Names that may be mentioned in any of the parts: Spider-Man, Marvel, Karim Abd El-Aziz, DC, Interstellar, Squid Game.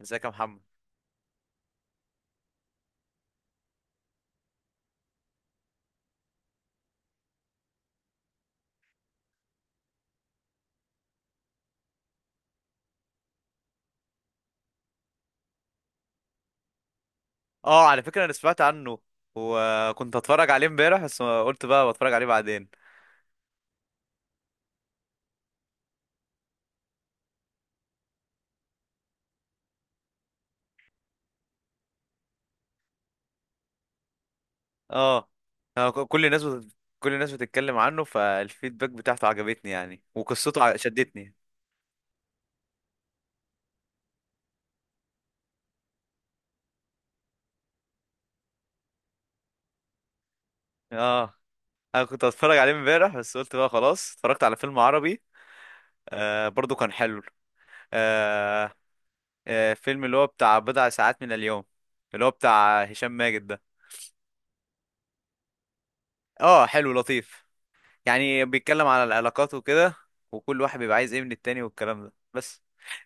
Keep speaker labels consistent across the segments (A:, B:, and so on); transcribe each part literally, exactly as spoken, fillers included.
A: ازيك يا محمد؟ اه، على فكرة انا سمعت عنه وكنت هتفرج عليه امبارح بس قلت بقى بتفرج عليه بعدين. اه. آه، ك- كل الناس بت... كل الناس بتتكلم عنه، فالفيدباك بتاعته عجبتني يعني، وقصته ع- شدتني. اه، انا كنت هتفرج عليه امبارح بس قلت بقى خلاص، اتفرجت على فيلم عربي. آه برضو كان حلو. آه. آه، فيلم اللي هو بتاع بضع ساعات من اليوم، اللي هو بتاع هشام ماجد ده. اه حلو، لطيف يعني، بيتكلم على العلاقات وكده، وكل واحد بيبقى عايز ايه من التاني والكلام ده بس.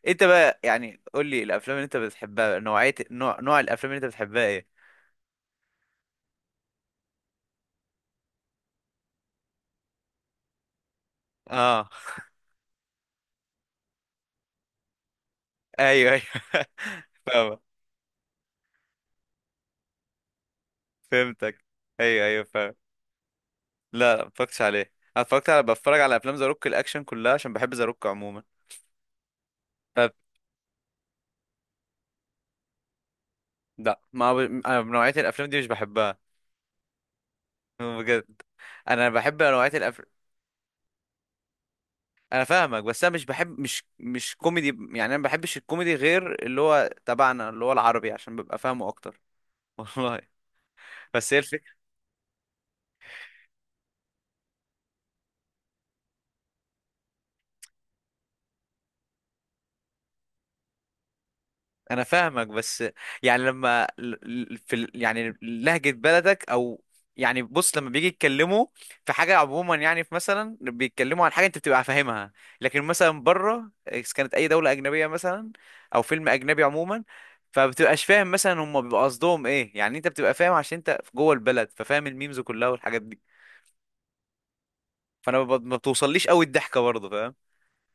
A: انت بقى يعني قول لي الافلام اللي انت بتحبها، نوعية نوع, نوع الافلام اللي انت بتحبها ايه؟ اه. ايوه ايوه. فاهمك. فهمتك، ايوه ايوه فاهم. لا لا، ما اتفرجتش عليه. انا اتفرجت على بتفرج على افلام ذا روك الاكشن كلها، عشان بحب ذا روك عموما. ف لا ما ب... أنا نوعية الافلام دي مش بحبها، بجد. انا بحب نوعية الأف... انا فاهمك بس انا مش بحب، مش مش كوميدي يعني، انا ما بحبش الكوميدي غير اللي هو تبعنا اللي هو العربي، عشان ببقى فاهمه اكتر. والله، بس هي الفكره. انا فاهمك بس، يعني لما ال- ال- في ال- يعني لهجه بلدك او يعني بص، لما بيجي يتكلموا في حاجه عموما، يعني في مثلا بيتكلموا عن حاجه انت بتبقى فاهمها. لكن مثلا بره، إذا كانت اي دوله اجنبيه مثلا او فيلم اجنبي عموما، فبتبقاش فاهم مثلا هم بيبقى قصدهم ايه. يعني انت بتبقى فاهم عشان انت جوه البلد، ففاهم الميمز كلها والحاجات دي. فانا ب- ما بتوصليش قوي الضحكه برضه، فاهم؟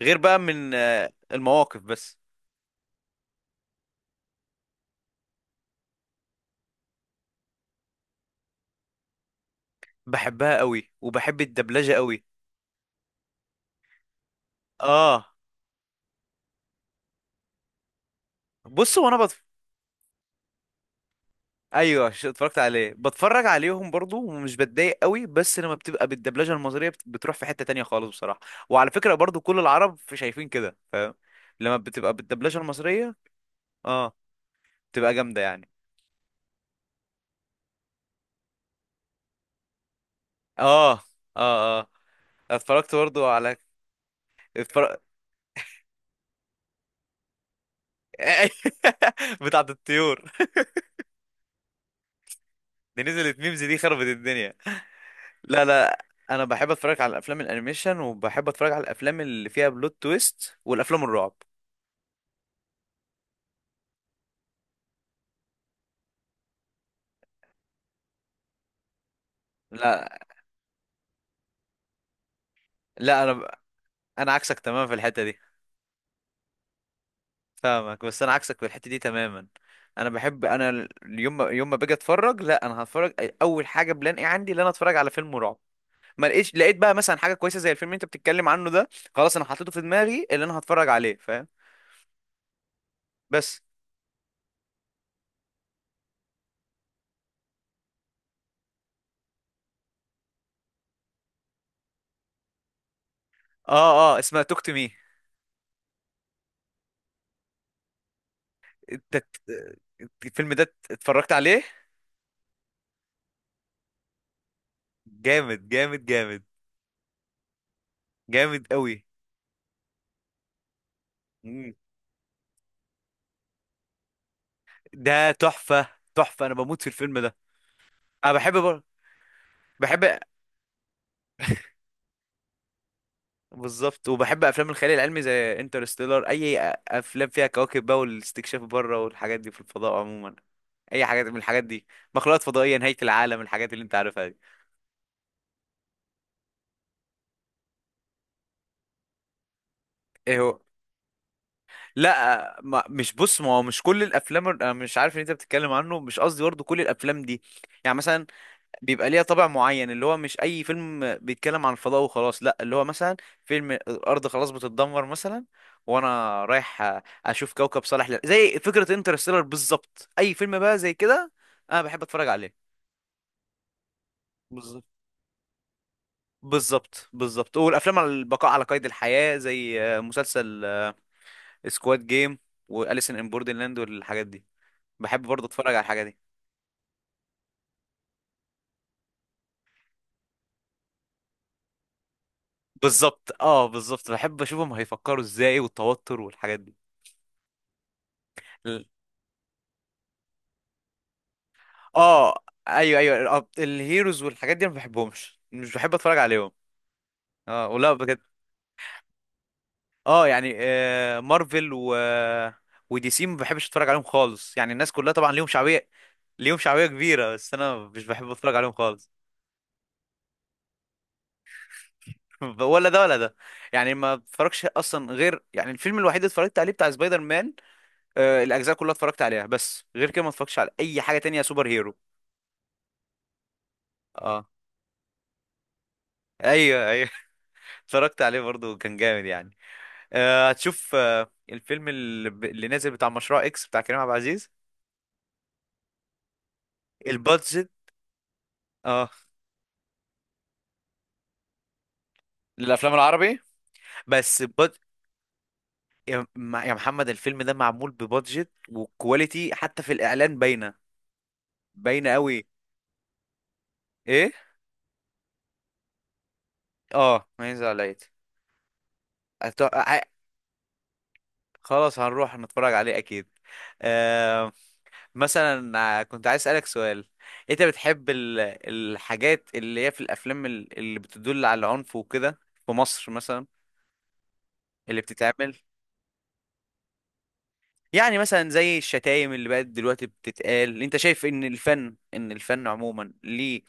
A: غير بقى من آه، المواقف بس. بحبها قوي وبحب الدبلجه قوي. اه، بص وانا بتف... ايوه، ش- اتفرجت عليه، بتفرج عليهم برضو ومش بتضايق قوي، بس لما بتبقى بالدبلجه المصريه بت- بتروح في حته تانية خالص بصراحه. وعلى فكره برضو كل العرب في شايفين كده، فاهم؟ لما بتبقى بالدبلجه المصريه. اه، بتبقى جامده يعني. اه، اه، اه، اتفرجت برضو على. اتفرج. بتاعت الطيور. دي نزلت ميمز، دي خربت الدنيا. لا لا، انا بحب اتفرج على الافلام الانيميشن، وبحب اتفرج على الافلام اللي فيها بلوت تويست، والافلام الرعب. لا، لا انا ب- انا عكسك تماما في الحته دي. فاهمك بس انا عكسك في الحته دي تماما. انا بحب، انا ال- يوم ما يوم ما باجي اتفرج، لا انا هتفرج. اول حاجه بلان ايه عندي، ان انا اتفرج على فيلم رعب. ما لقيتش، لقيت بقى مثلا حاجه كويسه زي الفيلم اللي انت بتتكلم عنه ده، خلاص انا حطيته في دماغي اللي انا هتفرج عليه، فاهم؟ بس. اه اه، اسمها توك تو مي. انت ت- الفيلم ده اتفرجت عليه. جامد جامد جامد، جامد قوي. مم. ده تحفة. تحفة، انا بموت في الفيلم ده. انا بحب بر... بحب. بالظبط، وبحب افلام الخيال العلمي زي انترستيلر، اي أ- افلام فيها كواكب بقى والاستكشاف بره والحاجات دي في الفضاء عموما. اي حاجات من الحاجات دي، مخلوقات فضائية، نهاية العالم، الحاجات اللي انت عارفها دي. ايه هو؟ لا، ما مش بص، ما هو مش كل الافلام، انا مش عارف ان انت بتتكلم عنه، مش قصدي برضه كل الافلام دي. يعني مثلا بيبقى ليها طابع معين، اللي هو مش اي فيلم بيتكلم عن الفضاء وخلاص لا، اللي هو مثلا فيلم الارض خلاص بتتدمر مثلا، وانا رايح أ- اشوف كوكب صالح لل... زي فكرة انترستيلر بالظبط، اي فيلم بقى زي كده انا بحب اتفرج عليه. بالظبط بالظبط بالظبط، والافلام على البقاء على قيد الحياة زي آه، مسلسل سكواد جيم، واليسن ان بوردرلاند والحاجات دي، بحب برضه اتفرج على الحاجات دي. بالظبط، اه بالظبط، بحب اشوفهم هيفكروا ازاي والتوتر والحاجات دي. اه ايوه ايوه، الأب- الهيروز والحاجات دي أنا ما بحبهمش، مش بحب اتفرج عليهم. اه، ولا بجد. اه يعني آه مارفل و ودي سي ما بحبش اتفرج عليهم خالص، يعني الناس كلها طبعا ليهم شعبيه، ليهم شعبيه كبيره، بس انا مش بحب اتفرج عليهم خالص. ولا ده ولا ده، يعني ما اتفرجش اصلا غير يعني الفيلم الوحيد اللي اتفرجت عليه بتاع سبايدر مان. آه الاجزاء كلها اتفرجت عليها، بس غير كده ما اتفرجتش على اي حاجه تانية سوبر هيرو. اه ايوه ايوه. اتفرجت عليه برضه كان جامد يعني. آه، هتشوف آه، الفيلم اللي, ب- اللي نازل بتاع مشروع اكس بتاع كريم عبد العزيز، البادجت. اه، للافلام العربي، بس بد... يا م- يا محمد الفيلم ده معمول ببادجت وكواليتي، حتى في الاعلان باينه، باينه قوي. ايه؟ اه، ميز عليا. أت... ع- خلاص هنروح نتفرج عليه اكيد. آه... مثلا ع- كنت عايز اسالك سؤال. انت بتحب ال... الحاجات اللي هي في الافلام ال- اللي بتدل على العنف وكده، في مصر مثلا اللي بتتعمل. يعني مثلا زي الشتايم اللي بقت دلوقتي بتتقال، انت شايف ان الفن ان الفن عموما ليه،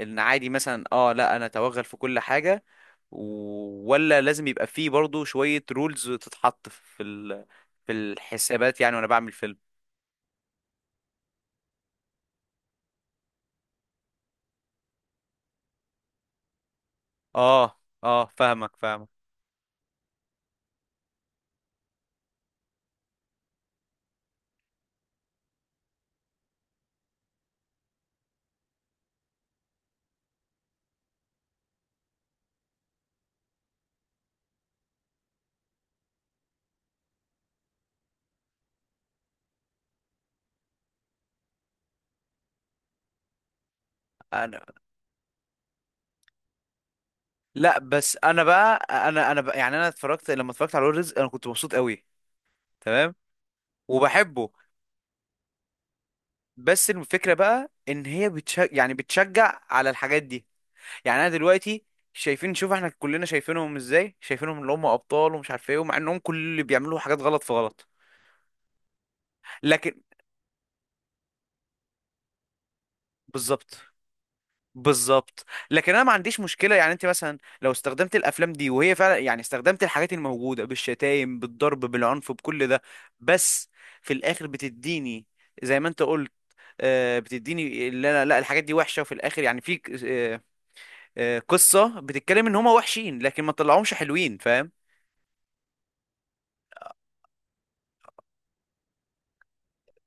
A: ان عادي مثلا اه، لا انا اتوغل في كل حاجة، و- ولا لازم يبقى فيه برضو شوية رولز تتحط في ال... في الحسابات يعني وانا بعمل فيلم؟ اه اه، فاهمك فاهمك. انا لا بس انا بقى انا انا بقى يعني انا اتفرجت، لما اتفرجت على اول رزق انا كنت مبسوط قوي، تمام، وبحبه. بس الفكرة بقى ان هي بتشجع يعني بتشجع على الحاجات دي، يعني انا دلوقتي شايفين، شوف احنا كلنا شايفينهم ازاي، شايفينهم اللي هم ابطال ومش عارف ايه، ومع انهم كل اللي بيعملوا حاجات غلط في غلط. لكن بالظبط بالظبط. لكن انا ما عنديش مشكله، يعني انت مثلا لو استخدمت الافلام دي وهي فعلا يعني استخدمت الحاجات الموجوده بالشتايم بالضرب بالعنف بكل ده، بس في الاخر بتديني زي ما انت قلت، آه، بتديني اللي انا، لا الحاجات دي وحشه، وفي الاخر يعني في ك- آه، آه، قصه بتتكلم ان هما وحشين لكن ما طلعهمش حلوين، فاهم؟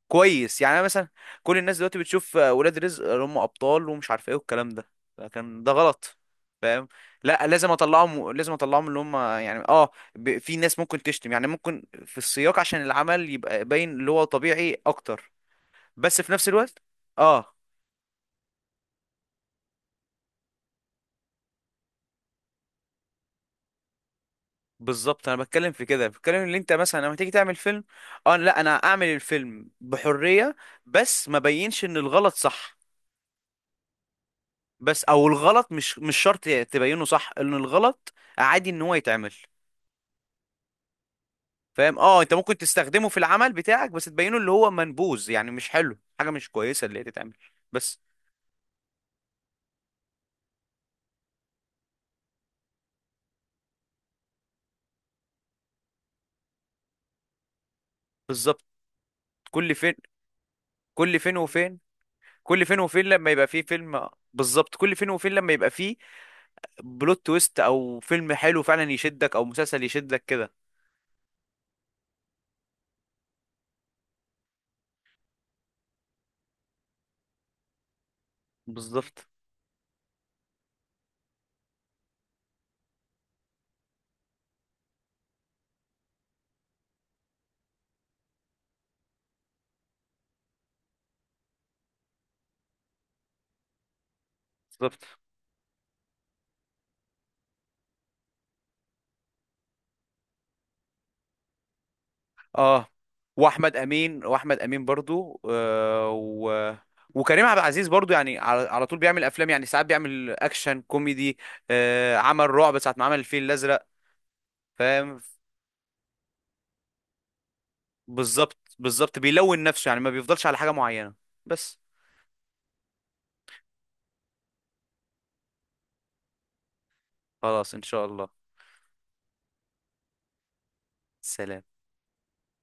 A: كويس، يعني انا مثلا كل الناس دلوقتي بتشوف آه، ولاد رزق اللي هم ابطال ومش عارف ايه والكلام ده، لكن ده غلط، فاهم؟ لا لازم اطلعهم، لازم اطلعهم اللي هم يعني اه ب... في ناس ممكن تشتم يعني، ممكن في السياق عشان العمل يبقى باين اللي هو طبيعي اكتر، بس في نفس الوقت اه. بالظبط، انا بتكلم في كده، بتكلم اللي انت مثلا لما تيجي تعمل فيلم، اه لا انا اعمل الفيلم بحرية، بس ما بينش ان الغلط صح. بس او الغلط مش مش شرط تبينه صح ان الغلط عادي ان هو يتعمل، فاهم؟ اه انت ممكن تستخدمه في العمل بتاعك بس تبينه اللي هو منبوذ، يعني مش حلو، حاجه مش كويسه اللي هي تتعمل. بس. بالظبط. كل فين، كل فين وفين كل فين وفين لما يبقى فيه فيلم، بالظبط، كل فين وفين لما يبقى فيه بلوت تويست او فيلم حلو فعلا يشدك، او مسلسل يشدك كده. بالظبط. بالظبط. اه، واحمد امين واحمد امين برضو آه، و... وكريم عبد العزيز برضو يعني، على, على طول بيعمل افلام، يعني ساعات بيعمل اكشن كوميدي، آه عمل رعب ساعه ما عمل الفيل الازرق، فاهم؟ بالظبط بالظبط، بيلون نفسه يعني، ما بيفضلش على حاجه معينه. بس. خلاص ان شاء الله. سلام.